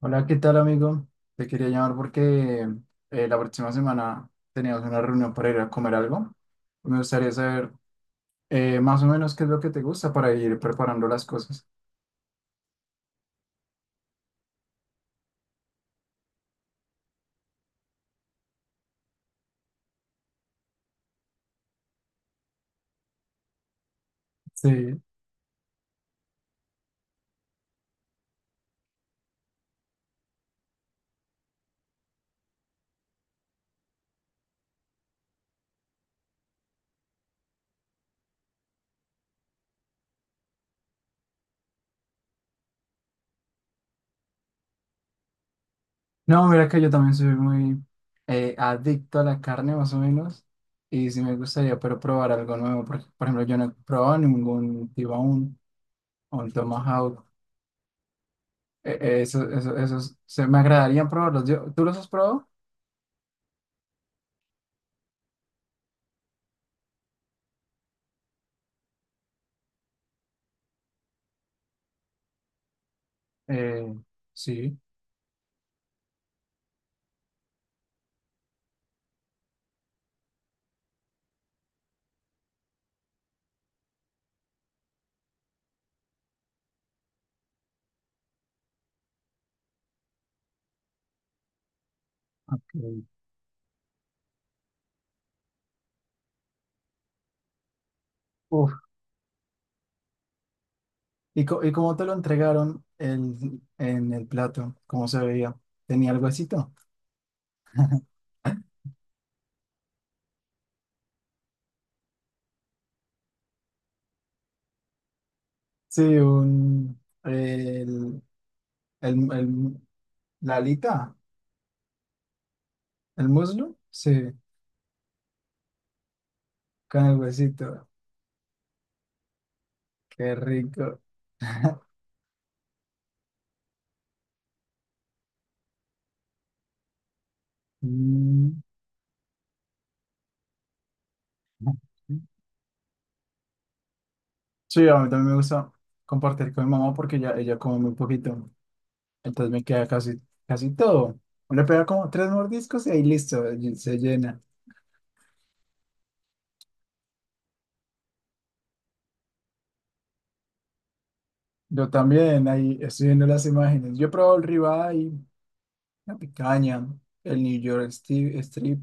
Hola, ¿qué tal, amigo? Te quería llamar porque la próxima semana teníamos una reunión para ir a comer algo. Me gustaría saber más o menos qué es lo que te gusta para ir preparando las cosas. Sí. No, mira que yo también soy muy adicto a la carne, más o menos. Y sí me gustaría, pero probar algo nuevo. Porque, por ejemplo, yo no he probado ningún tibaún o un tomahawk. Esos se me agradaría probarlos. ¿Tú los has probado? Eh, sí. Ok. ¿Y cómo te lo entregaron en el plato? ¿Cómo se veía? ¿Tenía algo así, no? Sí, un, el- la alita, el muslo, sí, con el huesito. Qué rico. Mm. Sí, a mí también me gusta compartir con mi mamá porque ella come muy poquito. Entonces me queda casi todo. Uno le pega como tres mordiscos y ahí listo, y se llena. Yo también ahí estoy viendo las imágenes. Yo he probado el ribeye, la picaña, el New York Strip,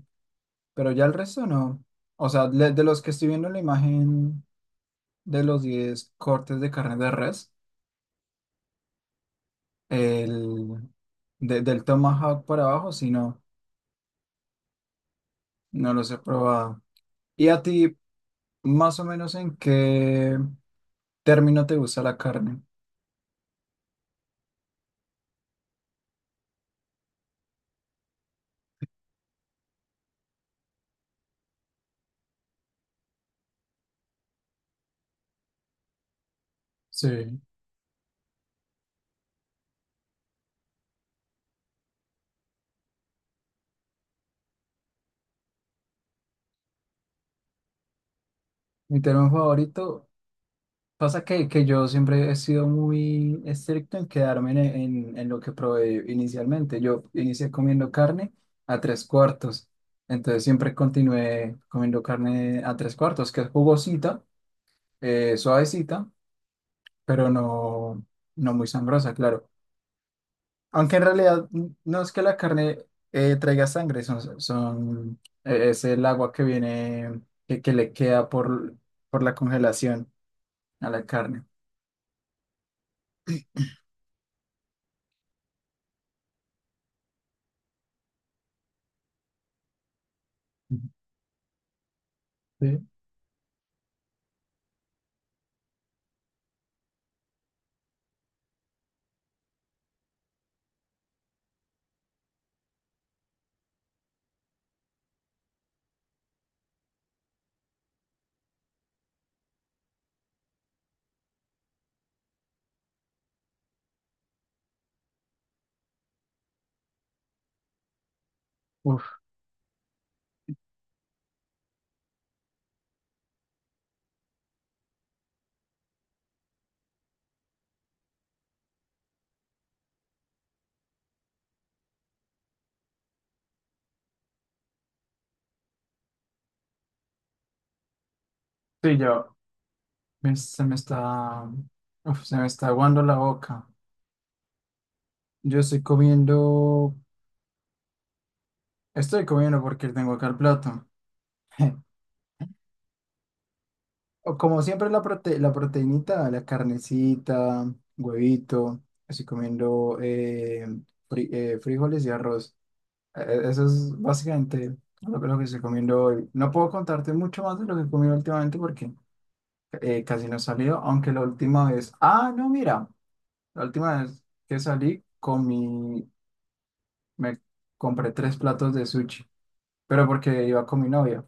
pero ya el resto no. O sea, de los que estoy viendo la imagen de los 10 cortes de carne de res, el del Tomahawk para abajo, si no, no los he probado. ¿Y a ti, más o menos en qué término te gusta la carne? Sí. Mi término favorito pasa que, yo siempre he sido muy estricto en quedarme en, en lo que probé inicialmente. Yo inicié comiendo carne a tres cuartos, entonces siempre continué comiendo carne a tres cuartos, que es jugosita, suavecita, pero no, no muy sangrosa, claro. Aunque en realidad no es que la carne traiga sangre, es el agua que viene, que le queda por la congelación a la carne. Ujú. Sí. Uf, sí, yo. Me- se me está, se me está aguando la boca. Yo estoy comiendo, estoy comiendo porque tengo acá el plato. O como siempre la proteínita, la carnecita, huevito. Estoy comiendo frijoles y arroz. Eso es básicamente lo que estoy comiendo hoy. No puedo contarte mucho más de lo que he comido últimamente porque casi no he salido, aunque la última vez, ah, no, mira, la última vez que salí comí me compré 3 platos de sushi, pero porque iba con mi novia.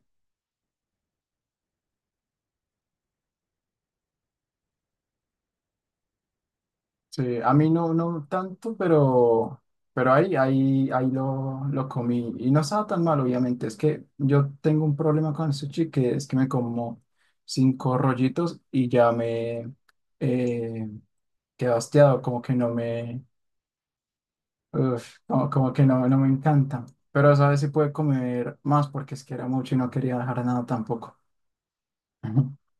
Sí, a mí no, no tanto, pero, ahí lo comí y no estaba tan mal, obviamente. Es que yo tengo un problema con el sushi que es que me como 5 rollitos y ya me eh, quedo hastiado, como que no me, uf, como que no, no me encanta. Pero sabes si puede comer más porque es que era mucho y no quería dejar nada tampoco.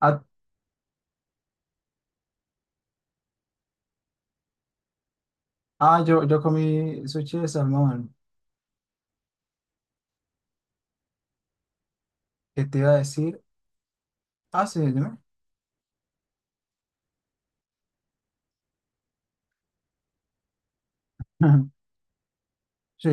¿A ah, yo comí sushi de salmón. ¿Qué te iba a decir? Ah, sí, dime. Sí.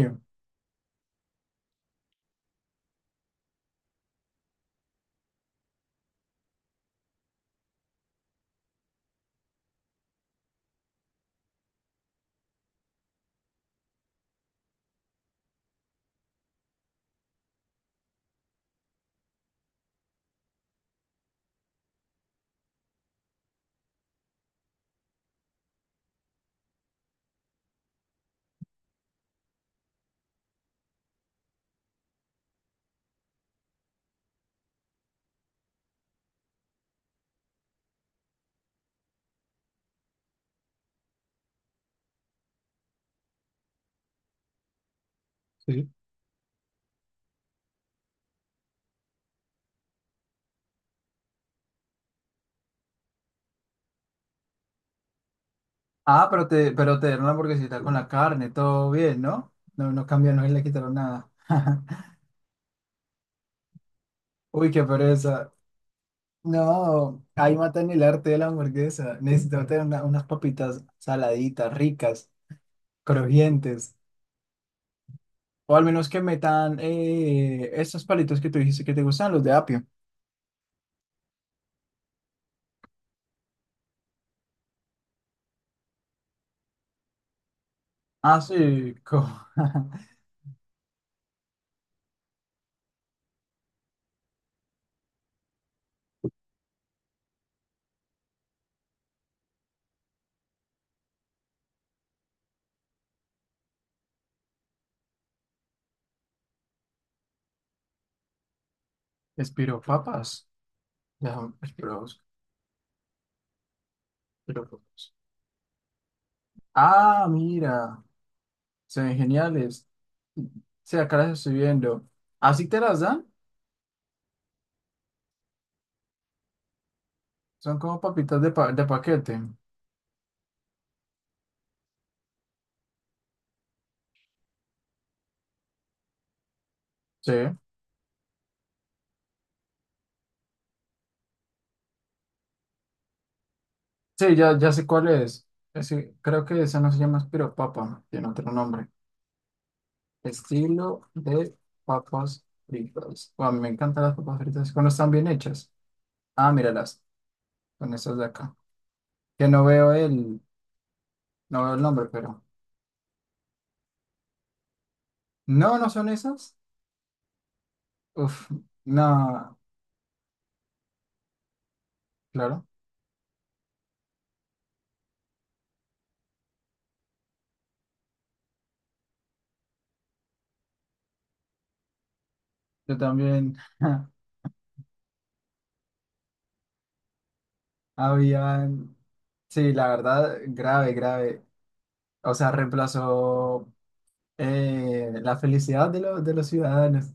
Sí. Ah, pero pero te dieron la hamburguesita con la carne, todo bien, ¿no? No, no cambiaron, no le quitaron nada. Uy, qué pereza. No, ahí matan el arte de la hamburguesa. Necesito tener unas papitas saladitas, ricas, crujientes. O al menos que metan esos palitos que tú dijiste que te gustan, los de apio. Ah, sí, como... Espiro papas. Pero, pues, ah, mira, se ven geniales. Sí, acá las estoy viendo. ¿Así te las dan? Son como papitas de, de paquete. Sí, sí, ya sé cuál es. Ese- creo que esa no se llama espiropapa, tiene otro nombre. Estilo de papas fritas. Guau, me encantan las papas fritas cuando están bien hechas. Ah, míralas, son esas de acá. Que no veo el, no veo el nombre, pero. No, no son esas. Uf, no, claro. Yo también. Habían, sí, la verdad, grave, grave. O sea, reemplazó la felicidad de los ciudadanos.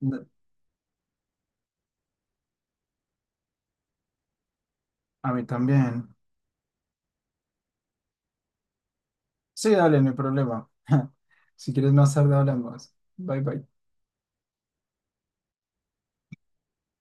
No, a mí también. Sí, dale, no hay problema. Si quieres más tarde hablamos. Bye, bye.